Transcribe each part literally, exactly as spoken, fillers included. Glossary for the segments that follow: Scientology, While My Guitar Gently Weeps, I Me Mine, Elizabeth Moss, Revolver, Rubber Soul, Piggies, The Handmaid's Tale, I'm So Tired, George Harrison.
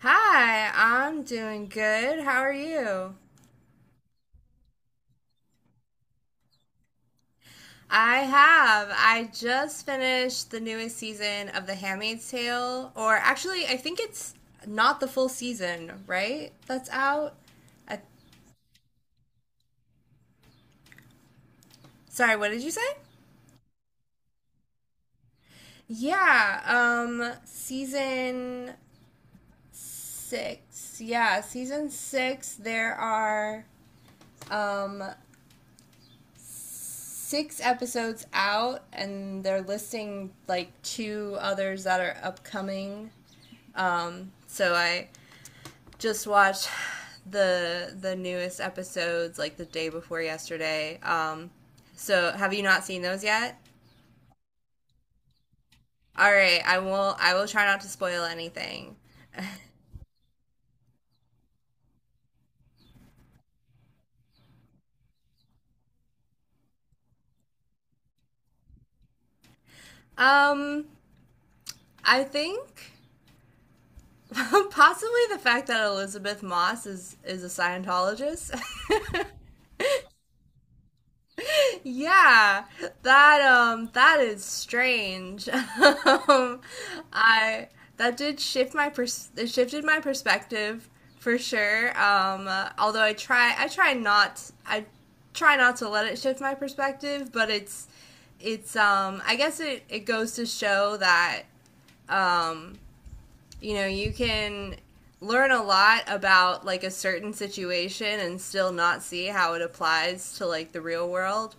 Hi, I'm doing good. How are you? I have. I just finished the newest season of The Handmaid's Tale, or actually, I think it's not the full season, right? That's out. I, Sorry, what did you say? Yeah, um, season six. Yeah, season six, there are um six episodes out, and they're listing like two others that are upcoming. Um, so I just watched the the newest episodes like the day before yesterday. Um, so have you not seen those yet? All right, I will. I will try not to spoil anything. Um, I think possibly the fact that Elizabeth Moss is is a Scientologist. Yeah, that um that is strange. Um, I that did shift my pers it shifted my perspective for sure. Um, uh, although I try I try not I try not to let it shift my perspective, but it's it's um I guess it it goes to show that um you know you can learn a lot about like a certain situation and still not see how it applies to like the real world.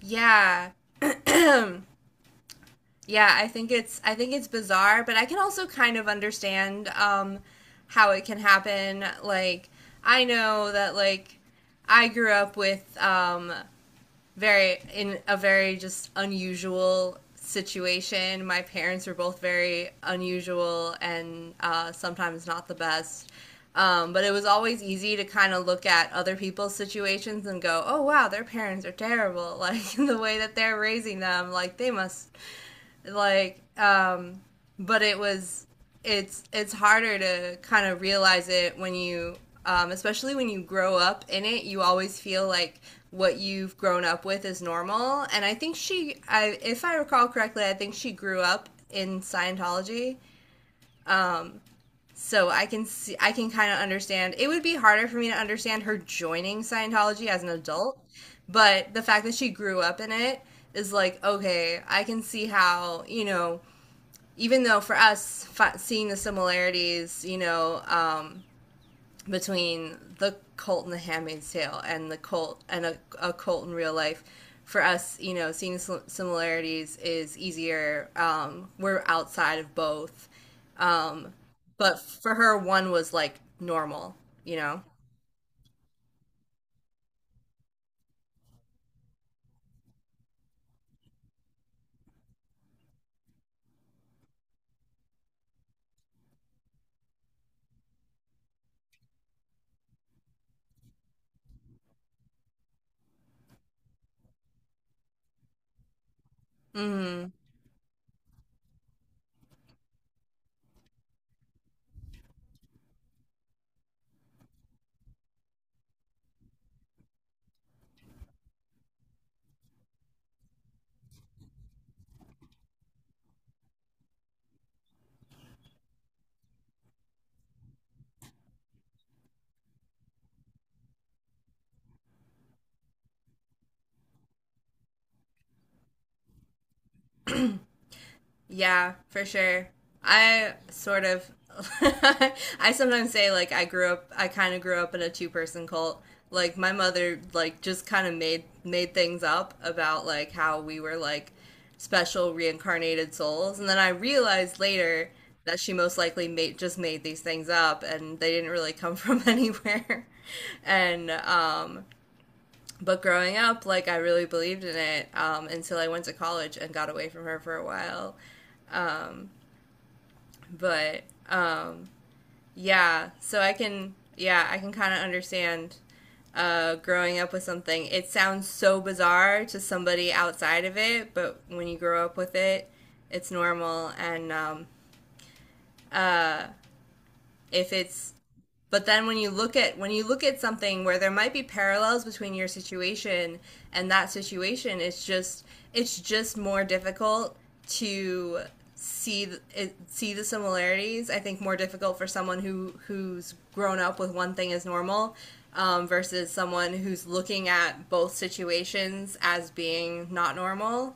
Yeah. Yeah, I think it's I think it's bizarre, but I can also kind of understand um how it can happen. Like I know that like I grew up with um very in a very just unusual situation. My parents were both very unusual and uh sometimes not the best. Um, but it was always easy to kind of look at other people's situations and go, oh, wow, their parents are terrible. Like the way that they're raising them, like they must like um but it was it's it's harder to kind of realize it when you um, especially when you grow up in it you always feel like what you've grown up with is normal, and I think she I, if I recall correctly I think she grew up in scientology, so i can see I can kind of understand. It would be harder for me to understand her joining scientology as an adult, but the fact that she grew up in it is like, okay, I can see how, you know, even though for us seeing the similarities, you know, um, between the cult and the Handmaid's Tale and the cult and a, a cult in real life, for us, you know, seeing similarities is easier. Um, we're outside of both, um, but for her, one was like normal, you know. Hmm. Yeah, for sure. I sort of, I sometimes say like I grew up, I kind of grew up in a two person cult. Like my mother, like just kind of made made things up about like how we were like special reincarnated souls, and then I realized later that she most likely made just made these things up, and they didn't really come from anywhere. And um, But growing up, like I really believed in it, um, until I went to college and got away from her for a while, but. Yeah, so I can, yeah, I can kind of understand, uh, growing up with something. It sounds so bizarre to somebody outside of it, but when you grow up with it, it's normal. And um, if it's but then when you look at, when you look at something where there might be parallels between your situation and that situation, it's just it's just more difficult to see th- it- see the similarities. I think more difficult for someone who who's grown up with one thing as normal, um, versus someone who's looking at both situations as being not normal,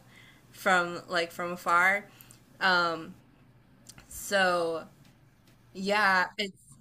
from like from afar. So yeah, it's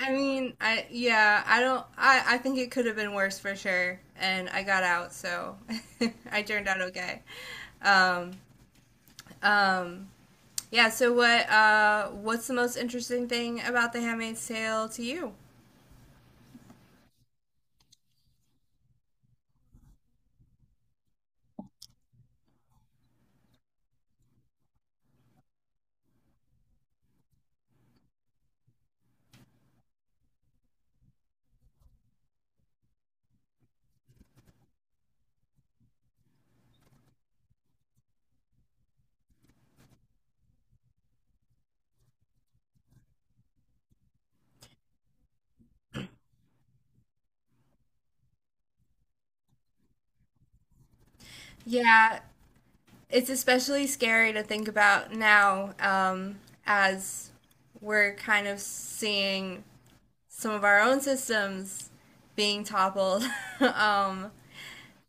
I mean, I yeah, I don't. I I think it could have been worse for sure, and I got out, so I turned out okay. Um, um, yeah. So what? Uh, what's the most interesting thing about The Handmaid's Tale to you? Yeah, it's especially scary to think about now, um, as we're kind of seeing some of our own systems being toppled. Um,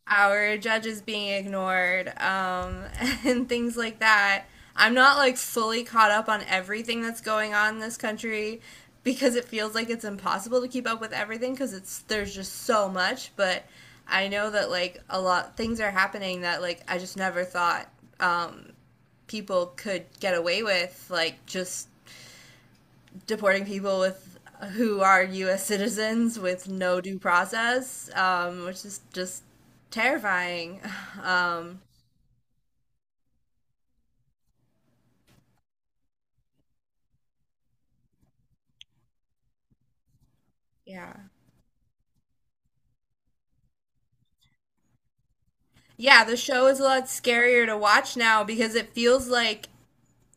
our judges being ignored, um, and things like that. I'm not like fully caught up on everything that's going on in this country because it feels like it's impossible to keep up with everything because it's there's just so much. But I know that like a lot things are happening that like I just never thought um, people could get away with, like just deporting people with who are U S citizens with no due process, um, which is just terrifying. Um, yeah, yeah. The show is a lot scarier to watch now because it feels like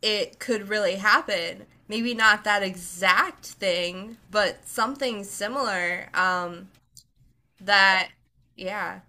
it could really happen. Maybe not that exact thing, but something similar. Um, that, yeah,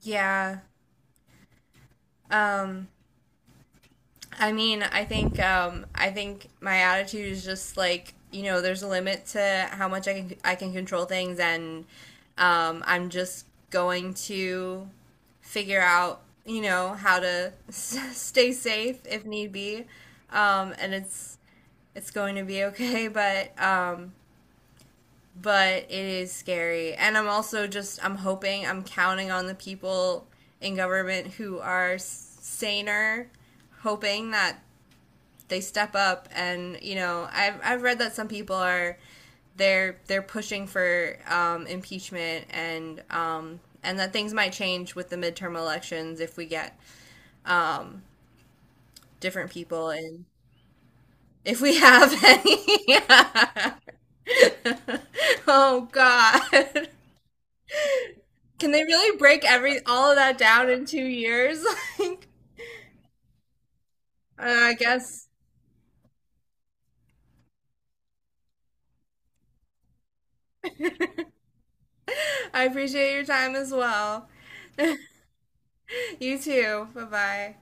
yeah. Um, I mean, I think um, I think my attitude is just like, you know, there's a limit to how much I can I can control things, and um, I'm just going to figure out, you know, how to s- stay safe if need be, um, and it's it's going to be okay, but um, but it is scary, and I'm also just, I'm hoping, I'm counting on the people in government who are s- saner, hoping that they step up. And you know, I've I've read that some people are, they're they're pushing for um, impeachment, and um, and that things might change with the midterm elections if we get um, different people. And if we have any. Yeah. Oh God. Can they really break every all of that down in two years? Like, uh, I guess I appreciate your time as well. You too. Bye bye.